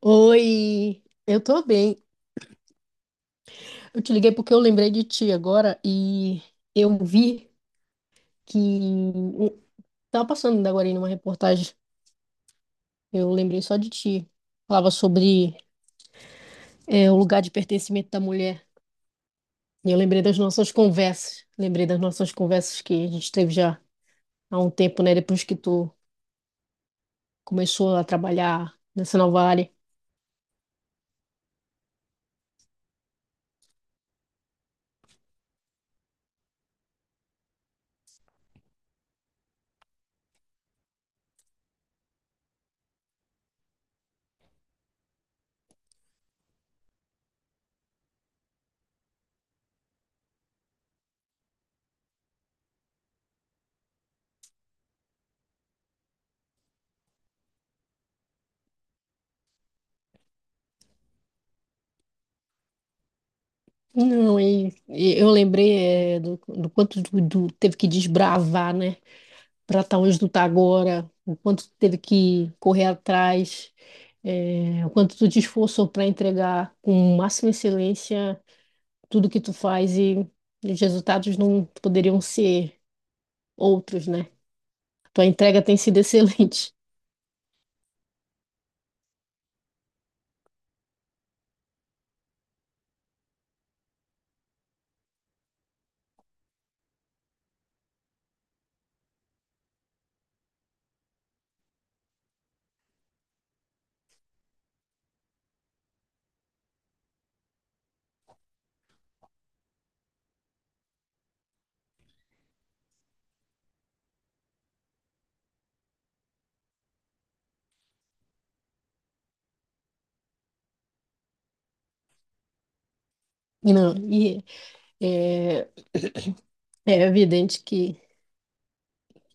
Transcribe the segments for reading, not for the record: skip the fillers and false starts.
Oi, eu tô bem. Eu te liguei porque eu lembrei de ti agora e eu vi que tava passando agora aí numa reportagem. Eu lembrei só de ti. Falava sobre o lugar de pertencimento da mulher. E eu lembrei das nossas conversas. Lembrei das nossas conversas que a gente teve já há um tempo, né? Depois que tu começou a trabalhar nessa nova área. Não, e eu lembrei do quanto tu teve que desbravar, né? Para estar onde tu tá agora, o quanto tu teve que correr atrás, o quanto tu te esforçou para entregar com máxima excelência tudo que tu faz e, os resultados não poderiam ser outros, né? Tua entrega tem sido excelente. E não, e é, é evidente que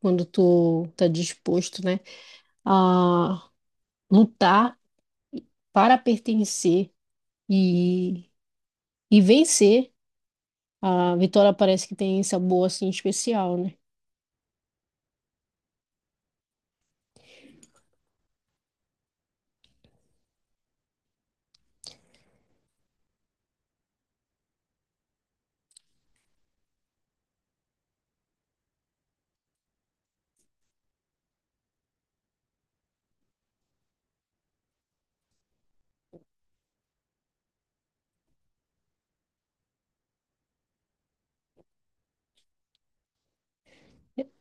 quando tu tá disposto, né, a lutar para pertencer e, e vencer, a vitória parece que tem sabor assim especial, né?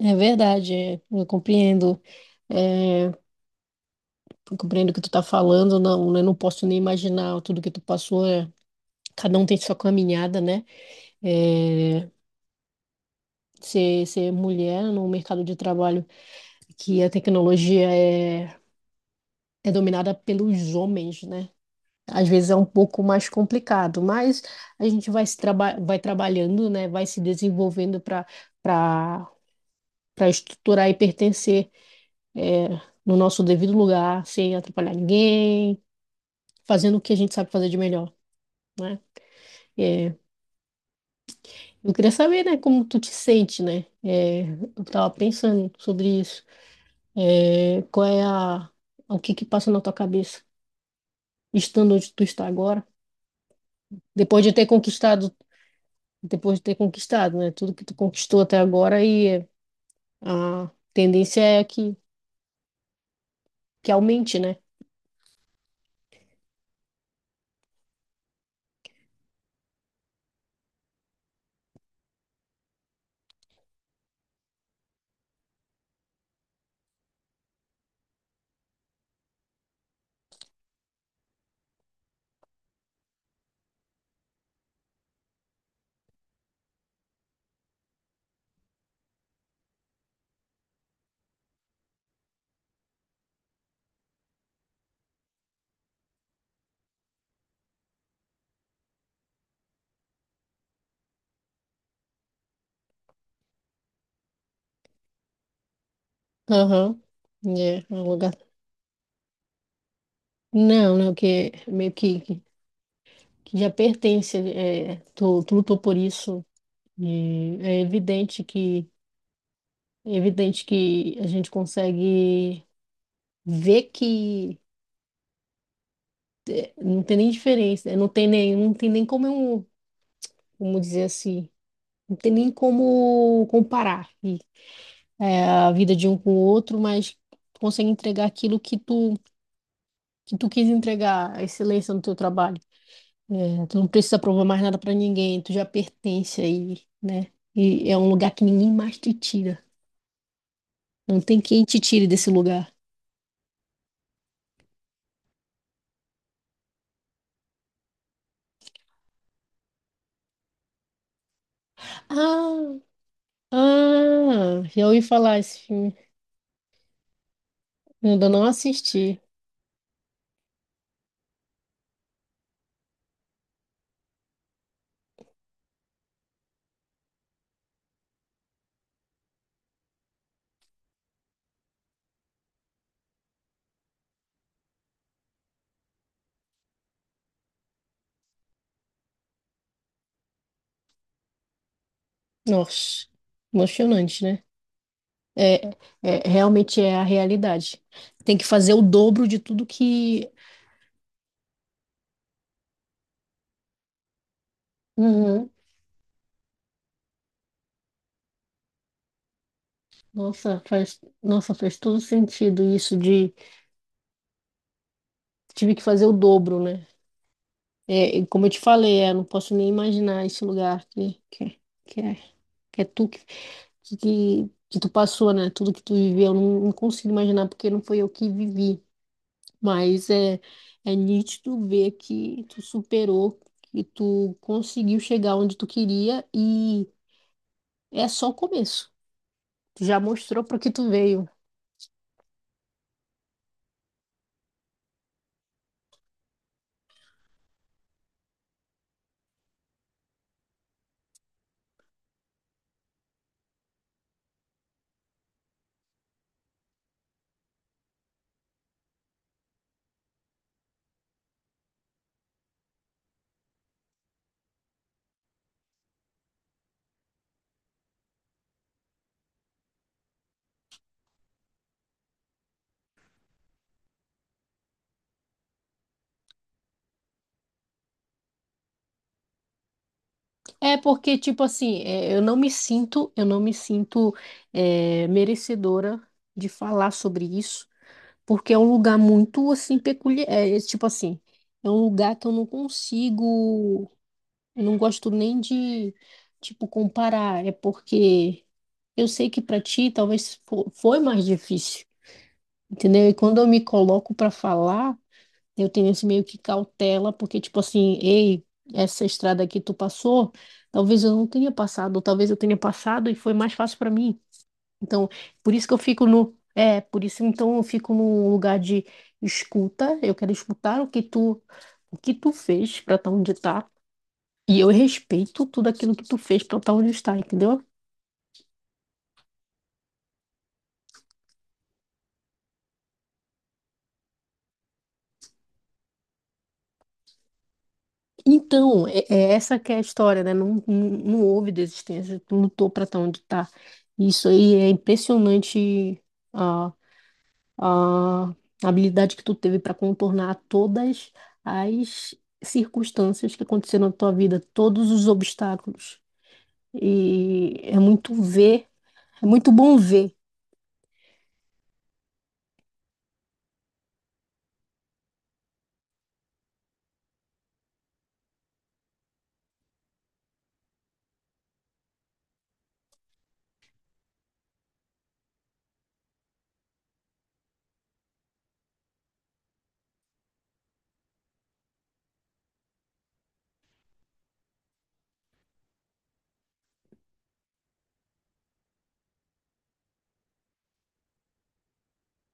É verdade, eu compreendo. É, eu compreendo o que tu tá falando, não, eu não posso nem imaginar tudo que tu passou. Cada um tem sua caminhada, né? É, ser mulher no mercado de trabalho, que a tecnologia é dominada pelos homens, né? Às vezes é um pouco mais complicado, mas a gente vai trabalhando, né? Vai se desenvolvendo para para para estruturar e pertencer, é, no nosso devido lugar, sem atrapalhar ninguém fazendo o que a gente sabe fazer de melhor, né? É, eu queria saber, né, como tu te sente, né? É, eu tava pensando sobre isso. Qual é o que que passa na tua cabeça, estando onde tu está agora, depois de ter conquistado, né, tudo que tu conquistou até agora e a tendência é que aumente, né? Aham. É, é um lugar. Não, né, que meio que já pertence, é, tu lutou por isso. E é evidente que a gente consegue ver que não tem nem diferença, né? Não tem nem como, como dizer assim, não tem nem como comparar e, a vida de um com o outro, mas tu consegue entregar aquilo que tu quis entregar, a excelência no teu trabalho. É, tu não precisa provar mais nada para ninguém, tu já pertence aí, né? E é um lugar que ninguém mais te tira. Não tem quem te tire desse lugar. Ah, Ah, já ouvi falar esse filme. Ainda não assisti. Nossa, emocionante, né? É, realmente é a realidade. Tem que fazer o dobro de tudo que. Uhum. Nossa, nossa, faz todo sentido isso de tive que fazer o dobro, né? É, e como eu te falei, não posso nem imaginar esse lugar que que é tu que tu passou, né? Tudo que tu viveu, eu não, não consigo imaginar porque não foi eu que vivi. Mas é nítido ver que tu superou, que tu conseguiu chegar onde tu queria e é só o começo. Tu já mostrou para que tu veio. É porque, tipo assim, é, eu não me sinto merecedora de falar sobre isso, porque é um lugar muito, assim, peculiar. Tipo assim, é um lugar que eu não consigo, eu não gosto nem de, tipo, comparar. É porque eu sei que para ti talvez foi mais difícil, entendeu? E quando eu me coloco para falar, eu tenho esse meio que cautela, porque tipo assim, ei, essa estrada que tu passou, talvez eu não tenha passado, ou talvez eu tenha passado e foi mais fácil para mim. Então, por isso que eu fico no, é, por isso então eu fico num lugar de escuta, eu quero escutar o que tu fez para estar onde tá, e eu respeito tudo aquilo que tu fez para estar onde está, entendeu? Então, é essa que é a história, né? Não houve desistência, tu lutou para estar onde tá. Isso aí é impressionante a, a habilidade que tu teve para contornar todas as circunstâncias que aconteceram na tua vida, todos os obstáculos. E é muito ver, é muito bom ver.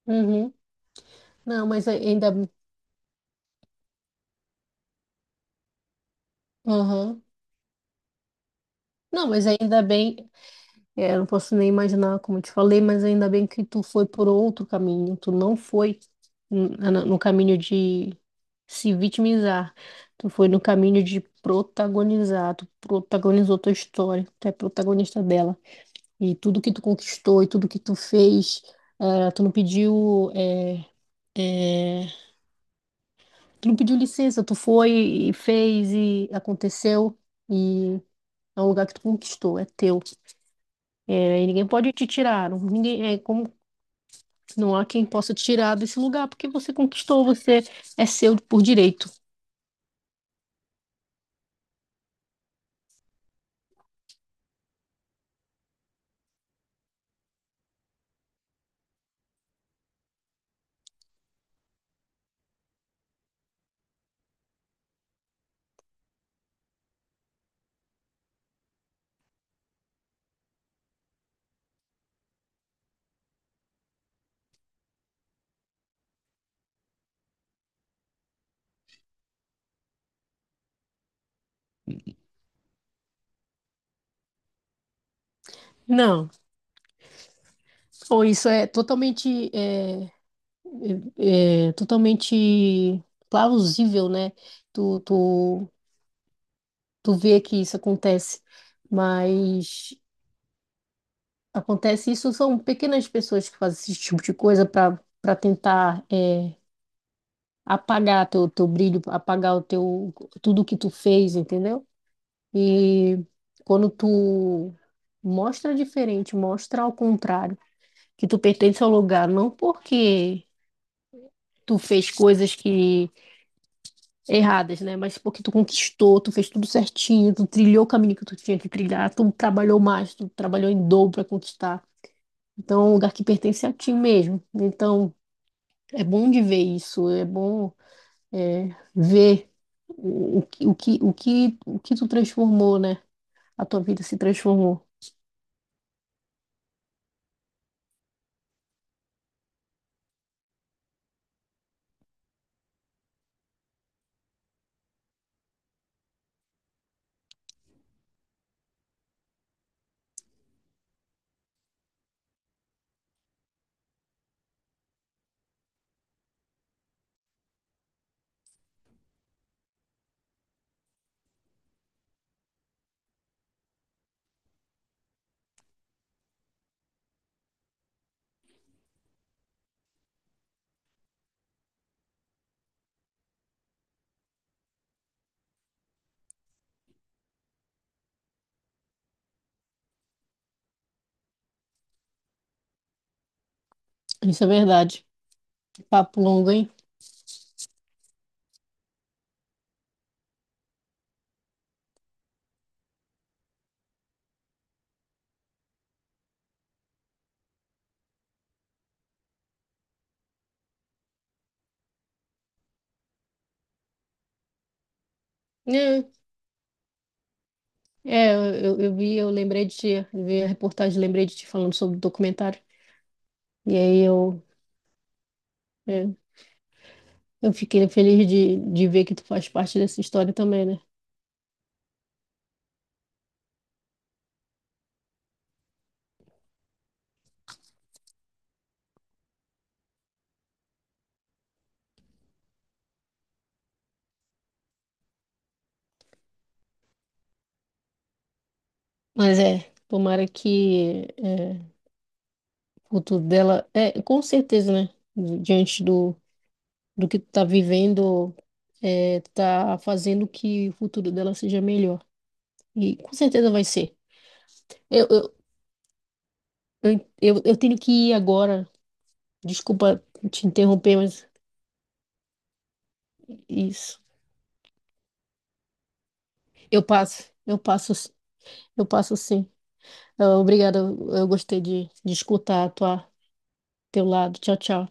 Uhum. Não, mas ainda, aham. Não, mas ainda bem, é, eu não posso nem imaginar como eu te falei, mas ainda bem que tu foi por outro caminho. Tu não foi no caminho de se vitimizar. Tu foi no caminho de protagonizar. Tu protagonizou tua história. Tu é protagonista dela. E tudo que tu conquistou e tudo que tu fez, tu não pediu, tu não pediu licença. Tu foi e fez e aconteceu. E é um lugar que tu conquistou, é teu. É, e ninguém pode te tirar. Ninguém, é como não há quem possa tirar desse lugar porque você conquistou, você é seu por direito. Não. Ou isso é totalmente, é totalmente plausível, né? Tu, tu, tu vê que isso acontece, mas acontece isso são pequenas pessoas que fazem esse tipo de coisa para tentar apagar teu brilho, apagar o teu tudo que tu fez, entendeu? E quando tu mostra diferente, mostra ao contrário, que tu pertence ao lugar, não porque tu fez coisas que erradas, né? Mas porque tu conquistou, tu fez tudo certinho, tu trilhou o caminho que tu tinha que trilhar, tu trabalhou mais, tu trabalhou em dobro para conquistar. Então, é um lugar que pertence a ti mesmo. Então, é bom de ver isso, é bom é, ver o que tu transformou, né? A tua vida se transformou. Isso é verdade. Papo longo, hein? É, é eu vi, eu lembrei de ti, eu vi a reportagem, lembrei de ti falando sobre o documentário. E aí eu, é, eu fiquei feliz de ver que tu faz parte dessa história também, né? Mas tomara que o futuro dela, é, com certeza, né? Diante do que tu tá vivendo, é, tá fazendo que o futuro dela seja melhor. E com certeza vai ser. Eu, eu, eu, eu tenho que ir agora. Desculpa te interromper, mas isso. Eu passo, eu passo, s- eu passo sim. Ah, obrigada, eu gostei de escutar a teu lado. Tchau, tchau.